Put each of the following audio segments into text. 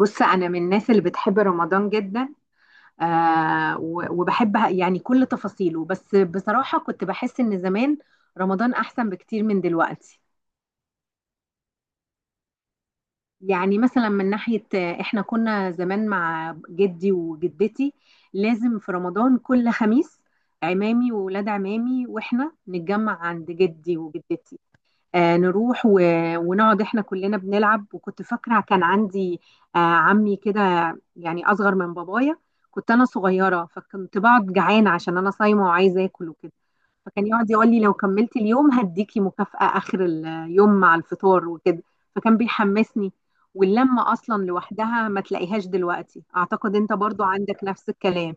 بص انا من الناس اللي بتحب رمضان جدا. وبحب يعني كل تفاصيله، بس بصراحة كنت بحس ان زمان رمضان احسن بكتير من دلوقتي. يعني مثلا من ناحية احنا كنا زمان مع جدي وجدتي لازم في رمضان كل خميس عمامي وولاد عمامي واحنا نتجمع عند جدي وجدتي. نروح ونقعد احنا كلنا بنلعب، وكنت فاكره كان عندي، عمي كده يعني اصغر من بابايا. كنت انا صغيره فكنت بقعد جعانه عشان انا صايمه وعايزه اكل وكده، فكان يقعد يقول لي لو كملت اليوم هديكي مكافأة اخر اليوم مع الفطار وكده، فكان بيحمسني. واللمه اصلا لوحدها ما تلاقيهاش دلوقتي، اعتقد انت برضو عندك نفس الكلام.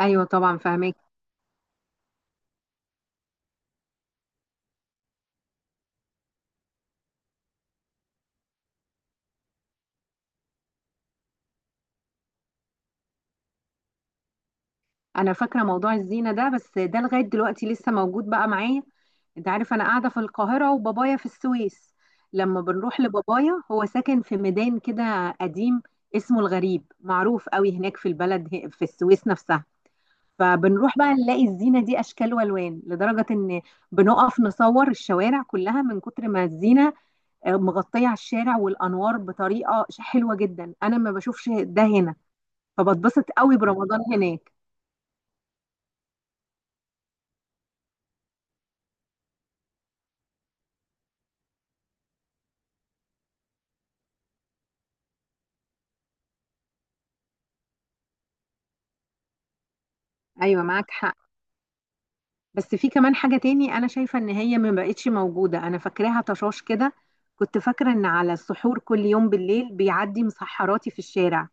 ايوه طبعا فاهمك. انا فاكره موضوع الزينه ده، بس ده لغايه دلوقتي لسه موجود بقى معايا. انت عارف انا قاعده في القاهره وبابايا في السويس، لما بنروح لبابايا هو ساكن في ميدان كده قديم اسمه الغريب، معروف قوي هناك في البلد في السويس نفسها. فبنروح بقى نلاقي الزينه دي اشكال والوان، لدرجه ان بنقف نصور الشوارع كلها من كتر ما الزينه مغطيه على الشارع، والانوار بطريقه حلوه جدا. انا ما بشوفش ده هنا، فبتبسط قوي برمضان هناك. ايوه معاك حق. بس في كمان حاجة تاني أنا شايفة إن هي ما بقتش موجودة، أنا فاكراها طشاش كده. كنت فاكرة إن على السحور كل يوم بالليل بيعدي مسحراتي في الشارع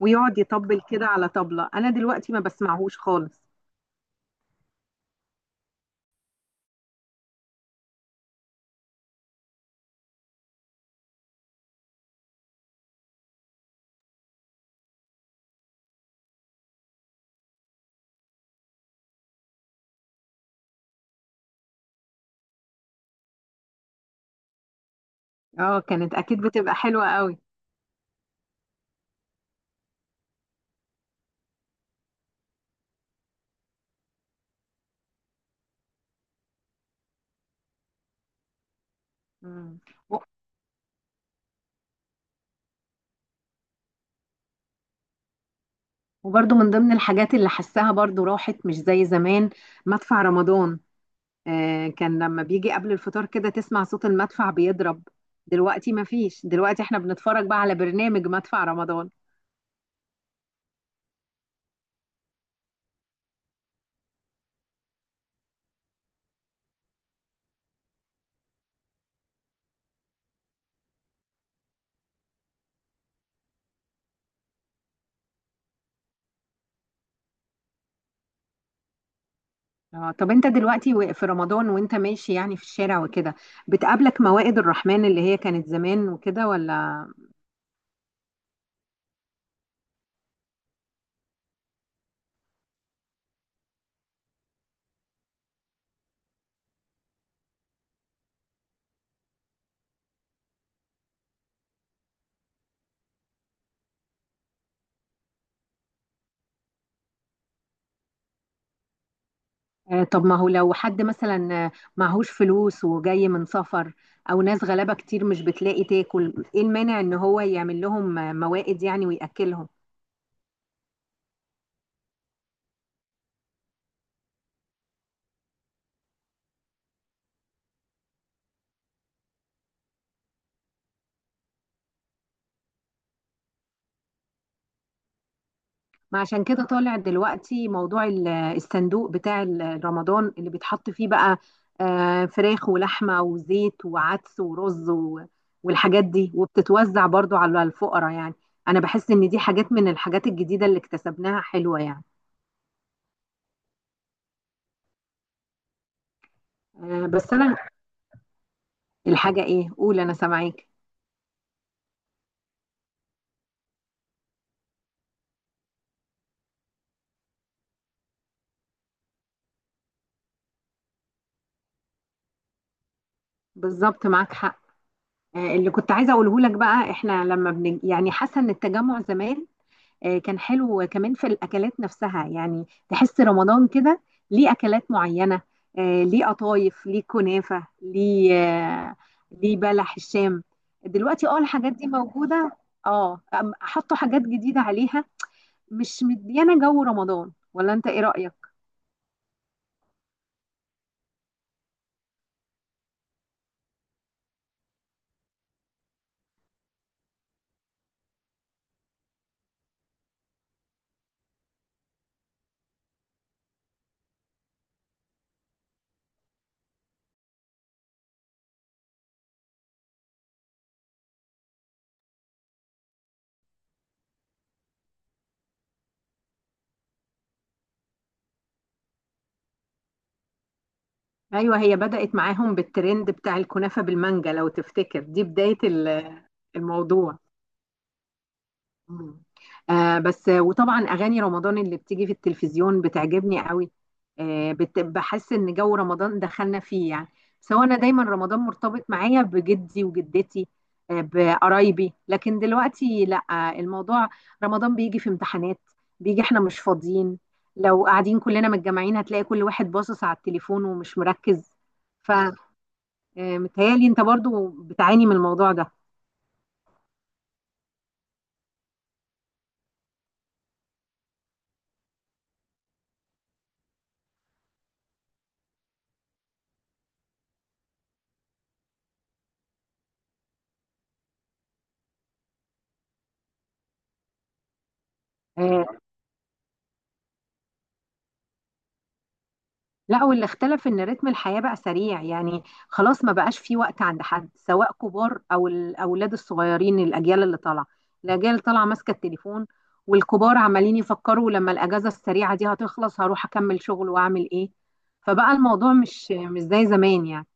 ويقعد يطبل كده على طبلة، أنا دلوقتي ما بسمعهوش خالص. اه كانت أكيد بتبقى حلوة قوي. مم. و- وبرضو من ضمن الحاجات اللي حساها برضو راحت مش زي زمان، مدفع رمضان. آه كان لما بيجي قبل الفطار كده تسمع صوت المدفع بيضرب، دلوقتي ما فيش. دلوقتي احنا بنتفرج بقى على برنامج مدفع رمضان. اه طب انت دلوقتي في رمضان وانت ماشي يعني في الشارع وكده، بتقابلك موائد الرحمن اللي هي كانت زمان وكده ولا؟ آه، طب ما هو لو حد مثلا معهوش فلوس وجاي من سفر، او ناس غلابة كتير مش بتلاقي تاكل، ايه المانع ان هو يعمل لهم موائد يعني ويأكلهم؟ ما عشان كده طالع دلوقتي موضوع الصندوق بتاع رمضان اللي بيتحط فيه بقى فراخ ولحمة وزيت وعدس ورز والحاجات دي، وبتتوزع برضو على الفقراء يعني. أنا بحس إن دي حاجات من الحاجات الجديدة اللي اكتسبناها حلوة يعني. بس أنا الحاجة إيه؟ قول أنا سامعاك. بالظبط معاك حق. اللي كنت عايزة أقوله لك بقى إحنا لما يعني حاسة إن التجمع زمان كان حلو، كمان في الأكلات نفسها يعني تحس رمضان كده ليه أكلات معينة ليه قطايف، ليه كنافة، ليه آه، ليه بلح الشام. دلوقتي اه الحاجات دي موجودة، اه حطوا حاجات جديدة عليها، مش مديانة جو رمضان، ولا انت ايه رأيك؟ ايوه، هي بدأت معاهم بالترند بتاع الكنافة بالمانجا، لو تفتكر دي بداية الموضوع. مم. آه، بس آه، وطبعا اغاني رمضان اللي بتيجي في التلفزيون بتعجبني قوي. بحس ان جو رمضان دخلنا فيه يعني. سواء انا دايما رمضان مرتبط معايا بجدي وجدتي آه بقرايبي، لكن دلوقتي لا. الموضوع رمضان بيجي في امتحانات، بيجي احنا مش فاضيين. لو قاعدين كلنا متجمعين هتلاقي كل واحد باصص على التليفون ومش مركز. فمتهيألي انت برضو بتعاني من الموضوع ده. آه، لا، واللي اختلف ان رتم الحياة بقى سريع يعني. خلاص ما بقاش في وقت عند حد، سواء كبار او الاولاد الصغيرين، الاجيال اللي طالعة الاجيال اللي طالعة ماسكة التليفون، والكبار عمالين يفكروا لما الاجازة السريعة دي هتخلص هروح اكمل شغل واعمل ايه. فبقى الموضوع مش زي زمان يعني.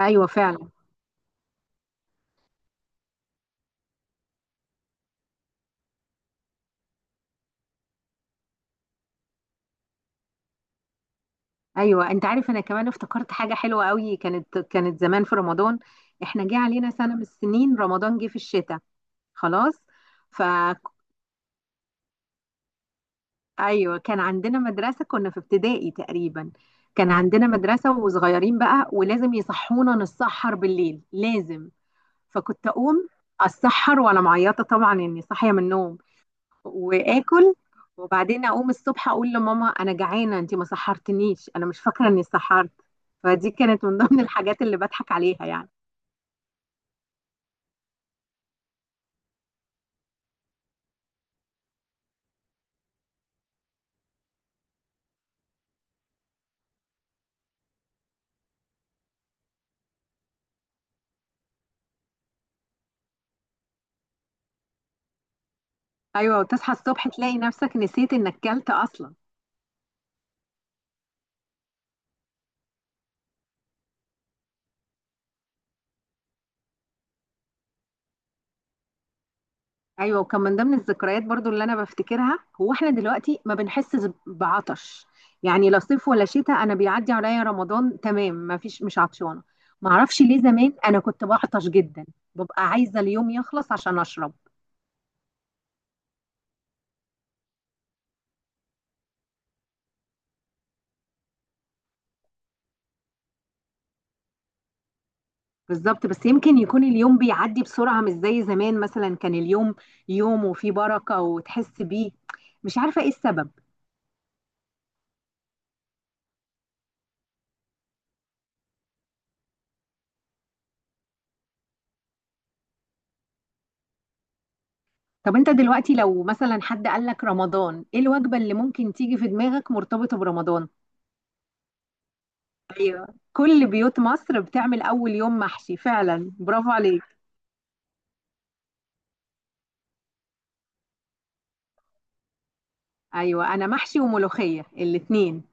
ايوه فعلا. ايوه انت عارف انا كمان افتكرت حاجة حلوة قوي كانت، زمان في رمضان احنا جه علينا سنة من السنين رمضان جه في الشتاء، خلاص. ف ايوه كان عندنا مدرسه، كنا في ابتدائي تقريبا، كان عندنا مدرسه وصغيرين بقى ولازم يصحونا نتسحر بالليل لازم، فكنت اقوم اتسحر وانا معيطه طبعا اني صاحيه من النوم واكل، وبعدين اقوم الصبح اقول لماما انا جعانه، انت ما سحرتنيش، انا مش فاكره اني سحرت. فدي كانت من ضمن الحاجات اللي بضحك عليها يعني. ايوه وتصحى الصبح تلاقي نفسك نسيت انك كلت اصلا. ايوه، وكان من ضمن الذكريات برضو اللي انا بفتكرها هو احنا دلوقتي ما بنحسش بعطش، يعني لا صيف ولا شتاء انا بيعدي عليا رمضان تمام ما فيش مش عطشانه. ما اعرفش ليه زمان انا كنت بعطش جدا، ببقى عايزه اليوم يخلص عشان اشرب. بالظبط، بس يمكن يكون اليوم بيعدي بسرعه مش زي زمان، مثلا كان اليوم يوم وفيه بركه وتحس بيه، مش عارفه ايه السبب. طب انت دلوقتي لو مثلا حد قال لك رمضان ايه الوجبه اللي ممكن تيجي في دماغك مرتبطه برمضان؟ كل بيوت مصر بتعمل اول يوم محشي، فعلا برافو عليك. ايوه انا محشي وملوخيه الاتنين.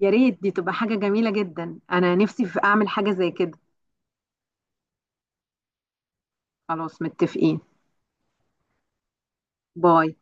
يا ريت، دي تبقى حاجه جميله جدا، انا نفسي في اعمل حاجه زي كده. خلاص متفقين. باي.